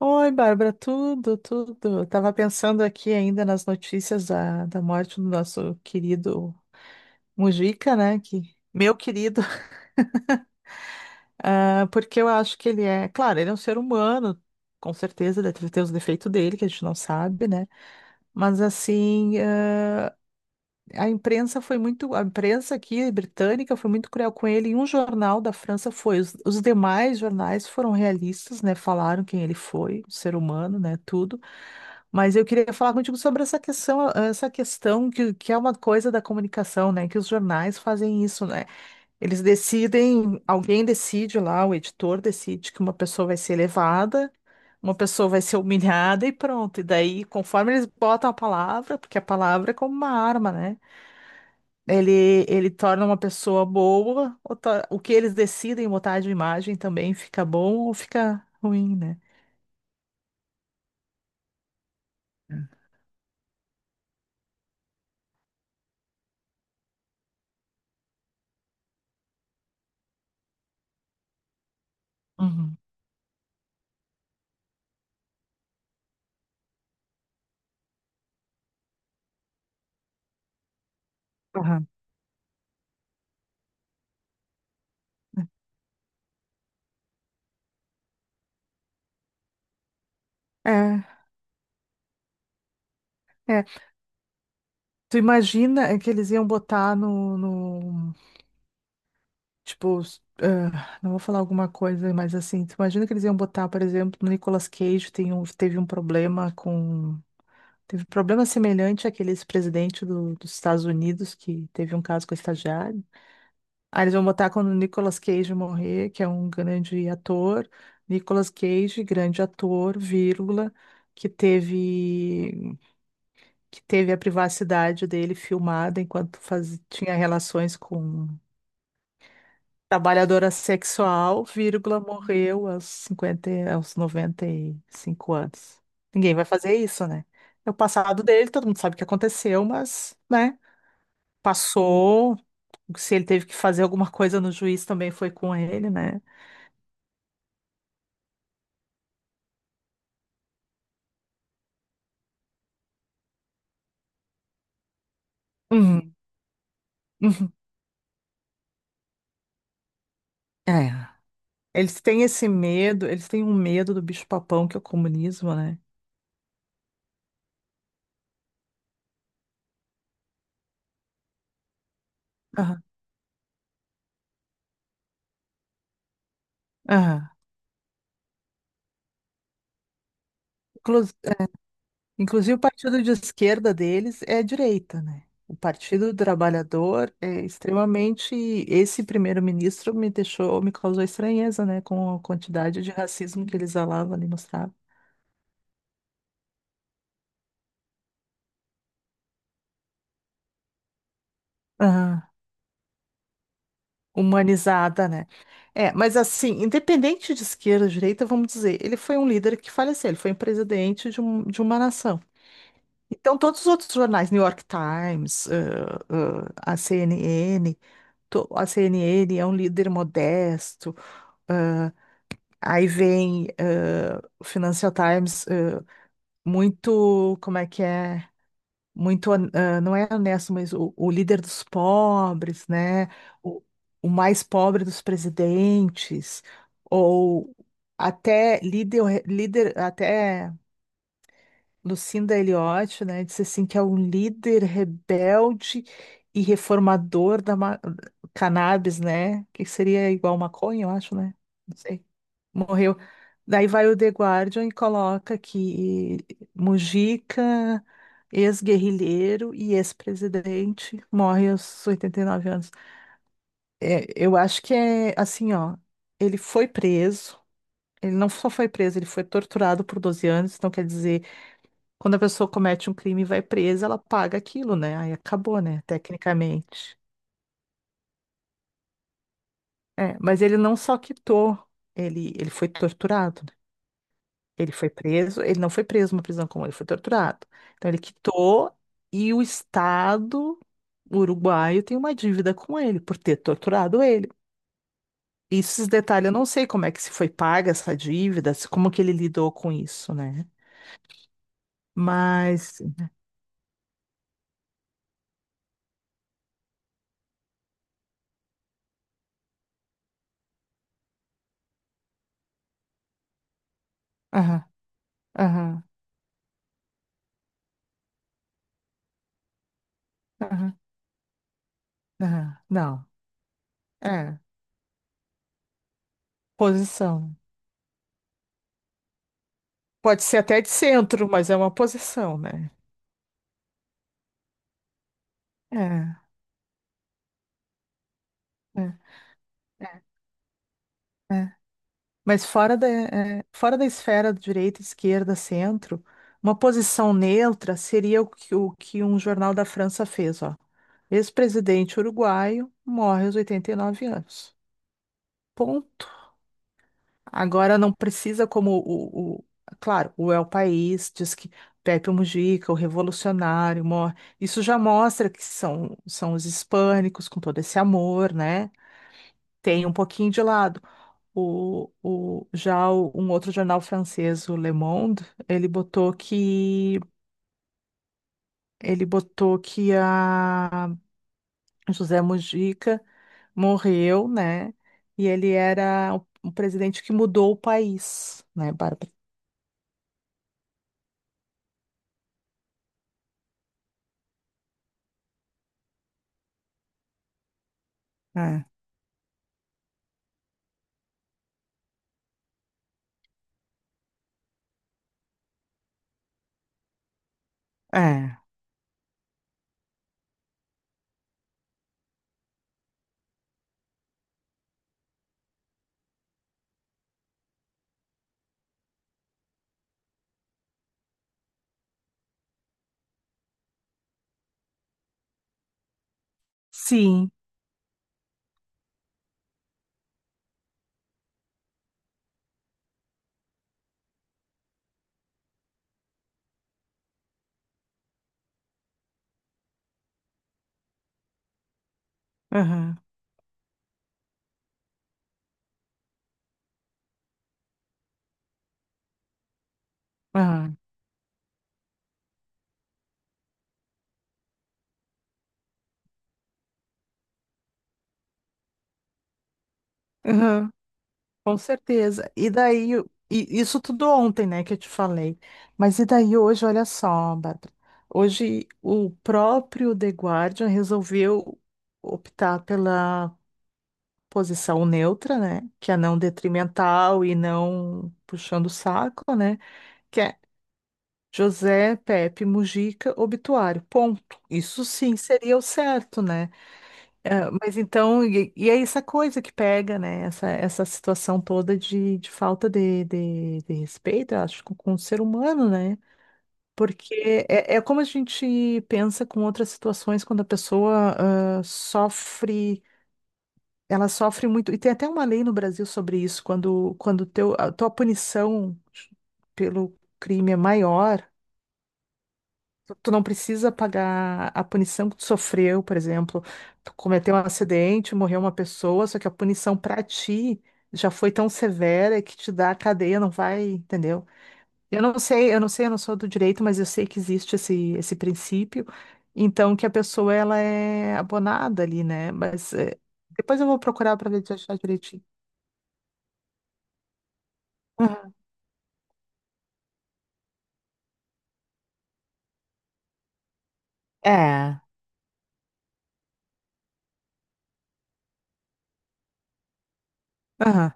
Oi, Bárbara, tudo. Eu tava pensando aqui ainda nas notícias da morte do nosso querido Mujica, né? Que, meu querido, porque eu acho que ele é, claro, ele é um ser humano, com certeza, deve ter os defeitos dele, que a gente não sabe, né? Mas assim, a imprensa foi muito, a imprensa aqui britânica foi muito cruel com ele. E um jornal da França foi. Os demais jornais foram realistas, né? Falaram quem ele foi, o ser humano, né? Tudo. Mas eu queria falar contigo sobre essa questão que é uma coisa da comunicação, né? Que os jornais fazem isso, né? Eles decidem, alguém decide lá, o editor decide que uma pessoa vai ser elevada. Uma pessoa vai ser humilhada e pronto. E daí, conforme eles botam a palavra, porque a palavra é como uma arma, né? Ele torna uma pessoa boa, ou o que eles decidem botar de imagem também fica bom ou fica ruim, né? Uhum. Aham. É, é. Tu imagina é, que eles iam botar no tipo, não vou falar alguma coisa, mas assim, tu imagina que eles iam botar, por exemplo, no Nicolas Cage tem um, teve um problema com, teve problema semelhante àqueles presidente dos Estados Unidos que teve um caso com a estagiária. Aí eles vão botar quando o Nicolas Cage morrer, que é um grande ator. Nicolas Cage, grande ator, vírgula, que teve, que teve a privacidade dele filmada enquanto faz, tinha relações com trabalhadora sexual, vírgula, morreu aos 50, aos 95 anos. Ninguém vai fazer isso, né? É o passado dele, todo mundo sabe o que aconteceu, mas, né, passou. Se ele teve que fazer alguma coisa no juiz, também foi com ele, né? Uhum. Uhum. É. Eles têm esse medo, eles têm um medo do bicho-papão, que é o comunismo, né? Aham. Aham. Inclu- Inclusive, o partido de esquerda deles é a direita, né? O Partido do Trabalhador é extremamente. Esse primeiro-ministro me deixou, me causou estranheza, né? Com a quantidade de racismo que ele exalava ali, mostrava. Aham. Humanizada, né? É, mas assim, independente de esquerda ou direita, vamos dizer, ele foi um líder que faleceu, ele foi um presidente de, de uma nação. Então, todos os outros jornais, New York Times, a CNN, a CNN é um líder modesto, ãh, aí vem o Financial Times, muito, como é que é? Muito, não é honesto, mas o líder dos pobres, né? O, o mais pobre dos presidentes, ou até líder, líder até. Lucinda Eliotti, né, disse assim que é um líder rebelde e reformador da cannabis, né? Que seria igual maconha, eu acho, né? Não sei. Morreu. Daí vai o The Guardian e coloca que Mujica, ex-guerrilheiro e ex-presidente, morre aos 89 anos. É, eu acho que é assim, ó, ele foi preso, ele não só foi preso, ele foi torturado por 12 anos, então quer dizer quando a pessoa comete um crime e vai presa, ela paga aquilo, né? Aí acabou, né? Tecnicamente. É, mas ele não só quitou, ele foi torturado, né? Ele foi preso, ele não foi preso numa prisão comum, ele foi torturado. Então ele quitou e o Estado uruguaio tem uma dívida com ele por ter torturado ele. Isso, esses detalhes eu não sei como é que se foi paga essa dívida, como que ele lidou com isso, né? Mas. Aham, aham, aham, aham. Não, é. Posição. Pode ser até de centro, mas é uma posição, né? É, é, é, é. Mas fora fora da esfera de direita, esquerda, centro, uma posição neutra seria o que um jornal da França fez, ó. Ex-presidente uruguaio morre aos 89 anos. Ponto. Agora não precisa como claro, o El País diz que Pepe Mujica, o revolucionário, morre. Isso já mostra que são os hispânicos com todo esse amor, né? Tem um pouquinho de lado. Um outro jornal francês, o Le Monde, ele botou que a José Mujica morreu, né? E ele era o presidente que mudou o país, né, Bárbara? É, é. Sim. Aham, aham, aham. Com certeza. E daí, e isso tudo ontem, né, que eu te falei. Mas e daí hoje, olha só, Bárbara. Hoje o próprio The Guardian resolveu optar pela posição neutra, né, que é não detrimental e não puxando o saco, né, que é José Pepe Mujica obituário. Ponto. Isso sim seria o certo, né? É, mas então, e é essa coisa que pega, né? Essa situação toda de falta de respeito, eu acho, com o ser humano, né? Porque é como a gente pensa com outras situações quando a pessoa sofre, ela sofre muito. E tem até uma lei no Brasil sobre isso, quando teu, a tua punição pelo crime é maior. Tu não precisa pagar a punição que tu sofreu, por exemplo, tu cometeu um acidente, morreu uma pessoa, só que a punição pra ti já foi tão severa que te dá a cadeia, não vai, entendeu? Eu não sei, eu não sei, eu não sou do direito, mas eu sei que existe esse princípio, então que a pessoa ela é abonada ali, né? Mas depois eu vou procurar para ver se eu achar direitinho. Aham. É, aham,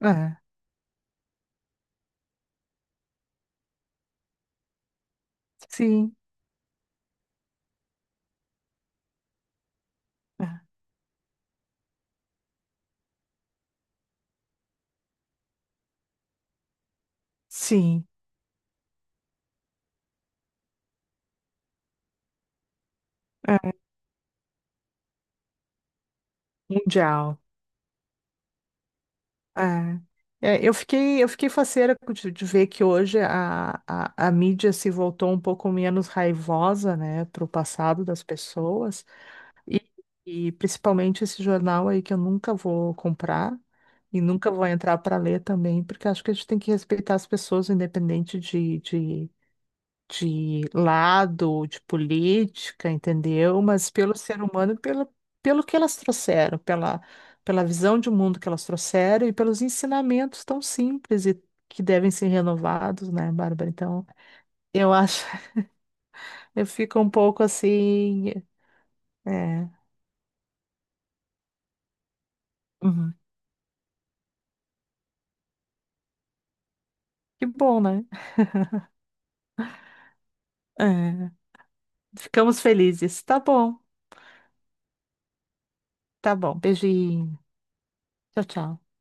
aham, sim, é, sim, é, mundial. É, eu fiquei faceira de ver que hoje a mídia se voltou um pouco menos raivosa, né, para o passado das pessoas, e, e principalmente esse jornal aí que eu nunca vou comprar e nunca vou entrar para ler também, porque acho que a gente tem que respeitar as pessoas, independente de lado, de política, entendeu? Mas pelo ser humano, pelo que elas trouxeram, pela visão de mundo que elas trouxeram e pelos ensinamentos tão simples e que devem ser renovados, né, Bárbara? Então, eu acho, eu fico um pouco assim, é, uhum. Que bom, né? É, ficamos felizes. Tá bom. Beijinho. Tchau, tchau.